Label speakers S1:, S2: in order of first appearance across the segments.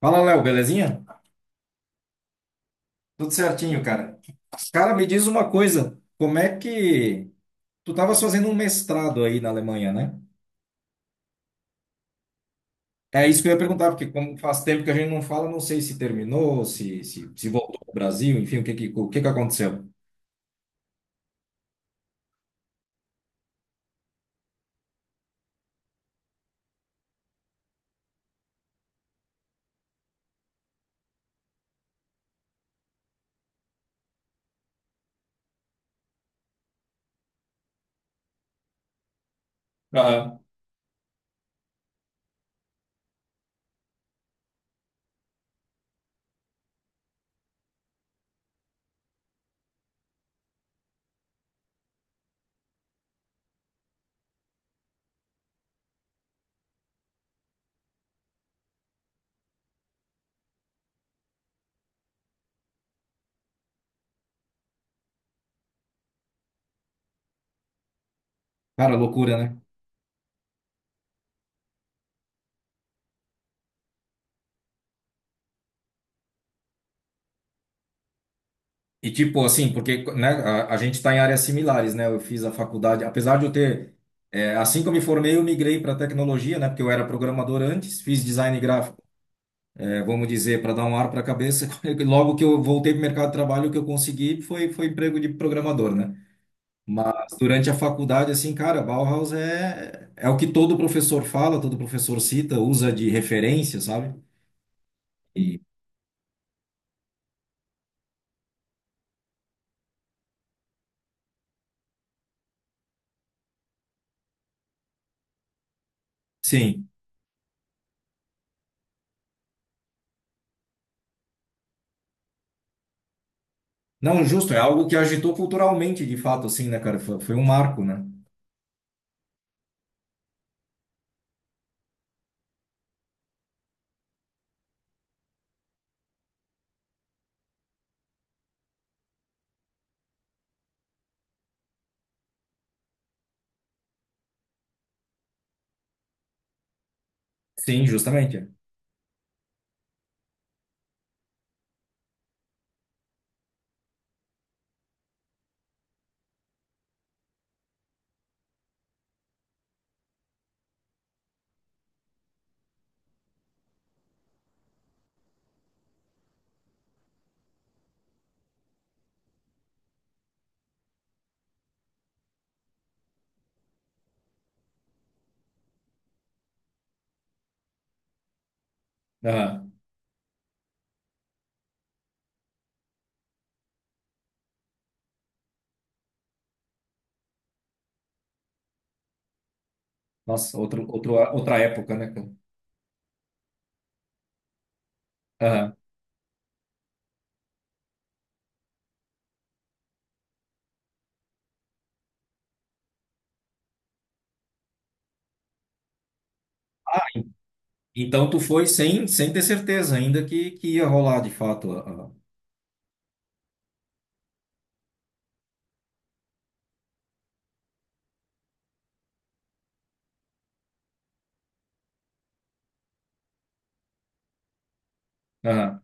S1: Fala, Léo, belezinha? Tudo certinho, cara. Cara, me diz uma coisa, como é que tu estavas fazendo um mestrado aí na Alemanha, né? É isso que eu ia perguntar, porque como faz tempo que a gente não fala, não sei se terminou, se voltou pro Brasil, enfim, o que que aconteceu? Aham. Cara, loucura, né? E tipo assim, porque né, a gente está em áreas similares, né? Eu fiz a faculdade, apesar de eu ter, é, assim que eu me formei, eu migrei para tecnologia, né? Porque eu era programador antes, fiz design gráfico. É, vamos dizer, para dar um ar para a cabeça, logo que eu voltei para o mercado de trabalho, o que eu consegui foi, foi emprego de programador, né? Mas durante a faculdade, assim, cara, Bauhaus é, é o que todo professor fala, todo professor cita, usa de referência, sabe? E, sim. Não, justo, é algo que agitou culturalmente, de fato, assim, né, cara? Foi, foi um marco, né? Sim, justamente. Aham. Nossa, outra época, né, cara? Aham. Ah, então tu foi sem, sem ter certeza ainda que ia rolar de fato. A- Aham.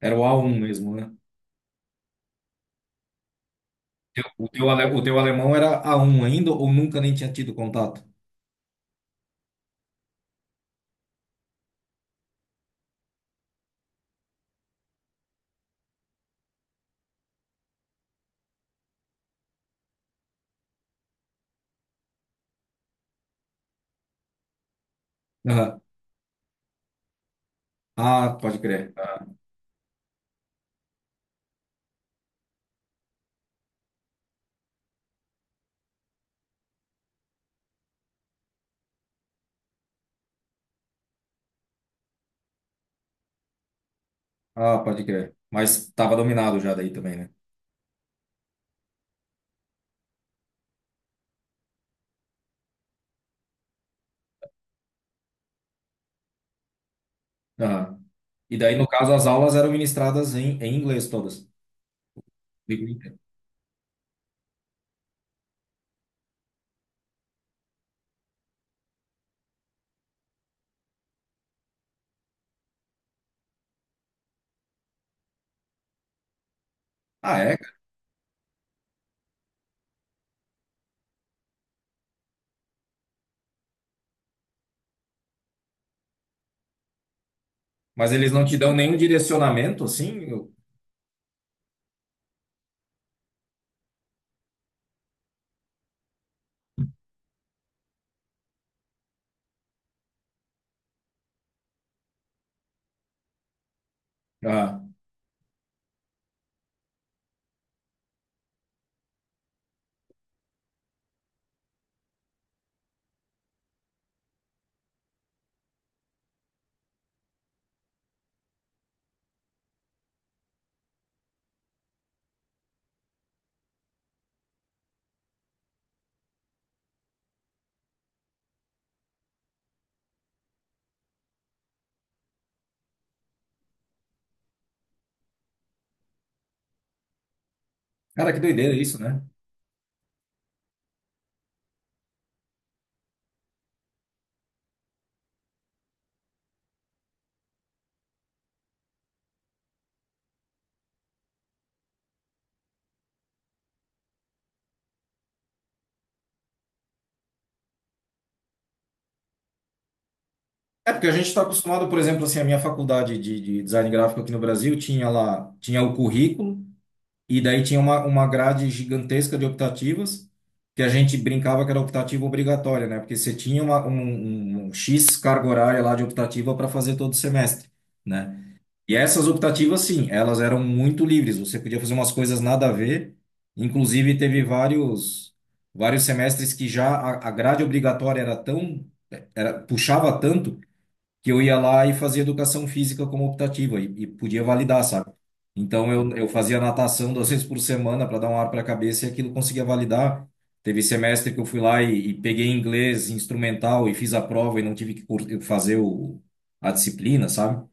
S1: Era o A1 mesmo, né? O teu alemão era A1 ainda ou nunca nem tinha tido contato? Aham. Ah, pode crer. Ah, pode crer. Mas estava dominado já daí também, né? Aham. E daí, no caso, as aulas eram ministradas em, em inglês todas. Digo, "Eita." Ah, é? Cara? Mas eles não te dão nenhum direcionamento, assim? Ah, cara, que doideira isso, né? É porque a gente está acostumado, por exemplo, assim, a minha faculdade de design gráfico aqui no Brasil tinha lá, tinha o currículo, e daí tinha uma grade gigantesca de optativas, que a gente brincava que era optativa obrigatória, né? Porque você tinha uma, um, um um X carga horária lá de optativa para fazer todo semestre, né? E essas optativas, sim, elas eram muito livres, você podia fazer umas coisas nada a ver, inclusive teve vários, vários semestres que já a grade obrigatória era tão, era, puxava tanto que eu ia lá e fazia educação física como optativa e podia validar, sabe? Então eu fazia natação duas vezes por semana para dar um ar para a cabeça e aquilo conseguia validar. Teve semestre que eu fui lá e peguei inglês instrumental e fiz a prova e não tive que fazer o, a disciplina, sabe?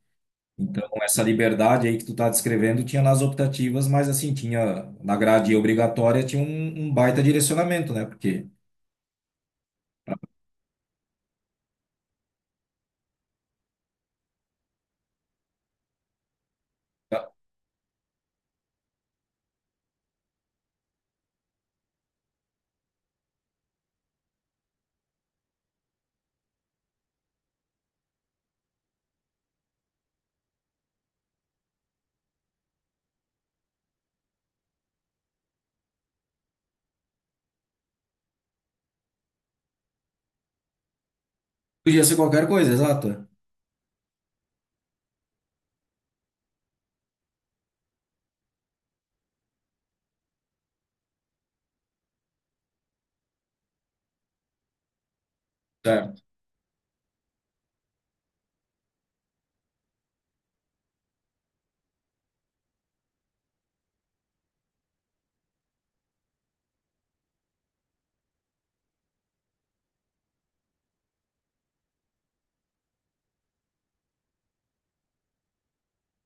S1: Então essa liberdade aí que tu tá descrevendo tinha nas optativas, mas assim, tinha na grade obrigatória tinha um, um baita direcionamento, né? Porque podia ser qualquer coisa, exato.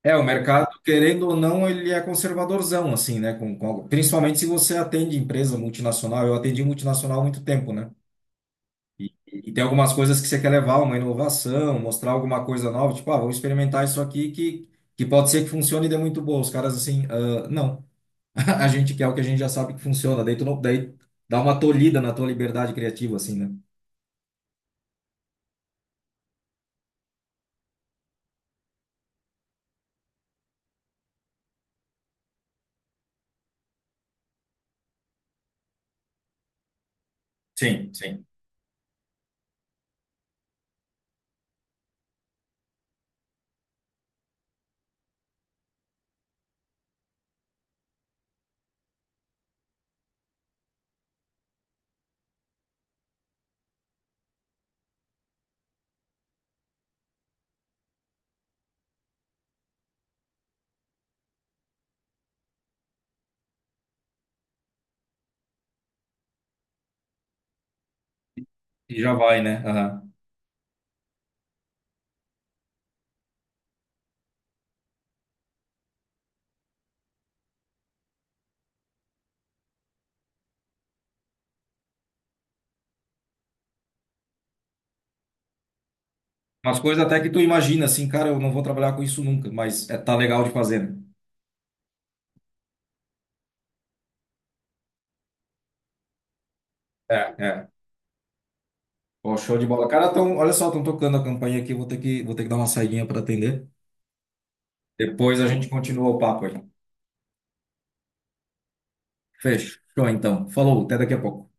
S1: É, o mercado, querendo ou não, ele é conservadorzão, assim, né? Com- principalmente se você atende empresa multinacional. Eu atendi multinacional há muito tempo, né? E tem algumas coisas que você quer levar, uma inovação, mostrar alguma coisa nova, tipo, ah, vamos experimentar isso aqui que pode ser que funcione e dê muito boa. Os caras, assim, ah, não. A gente quer o que a gente já sabe que funciona. Daí, tu não, daí dá uma tolhida na tua liberdade criativa, assim, né? Sim, sim. E já vai, né? Aham. Umas coisas até que tu imagina, assim, cara, eu não vou trabalhar com isso nunca, mas é, tá legal de fazer, né? É, é. Pô, show de bola. Cara, tão, olha só, estão tocando a campainha aqui, vou ter que dar uma saidinha para atender. Depois a gente continua o papo aí. Fechou, então. Falou, até daqui a pouco.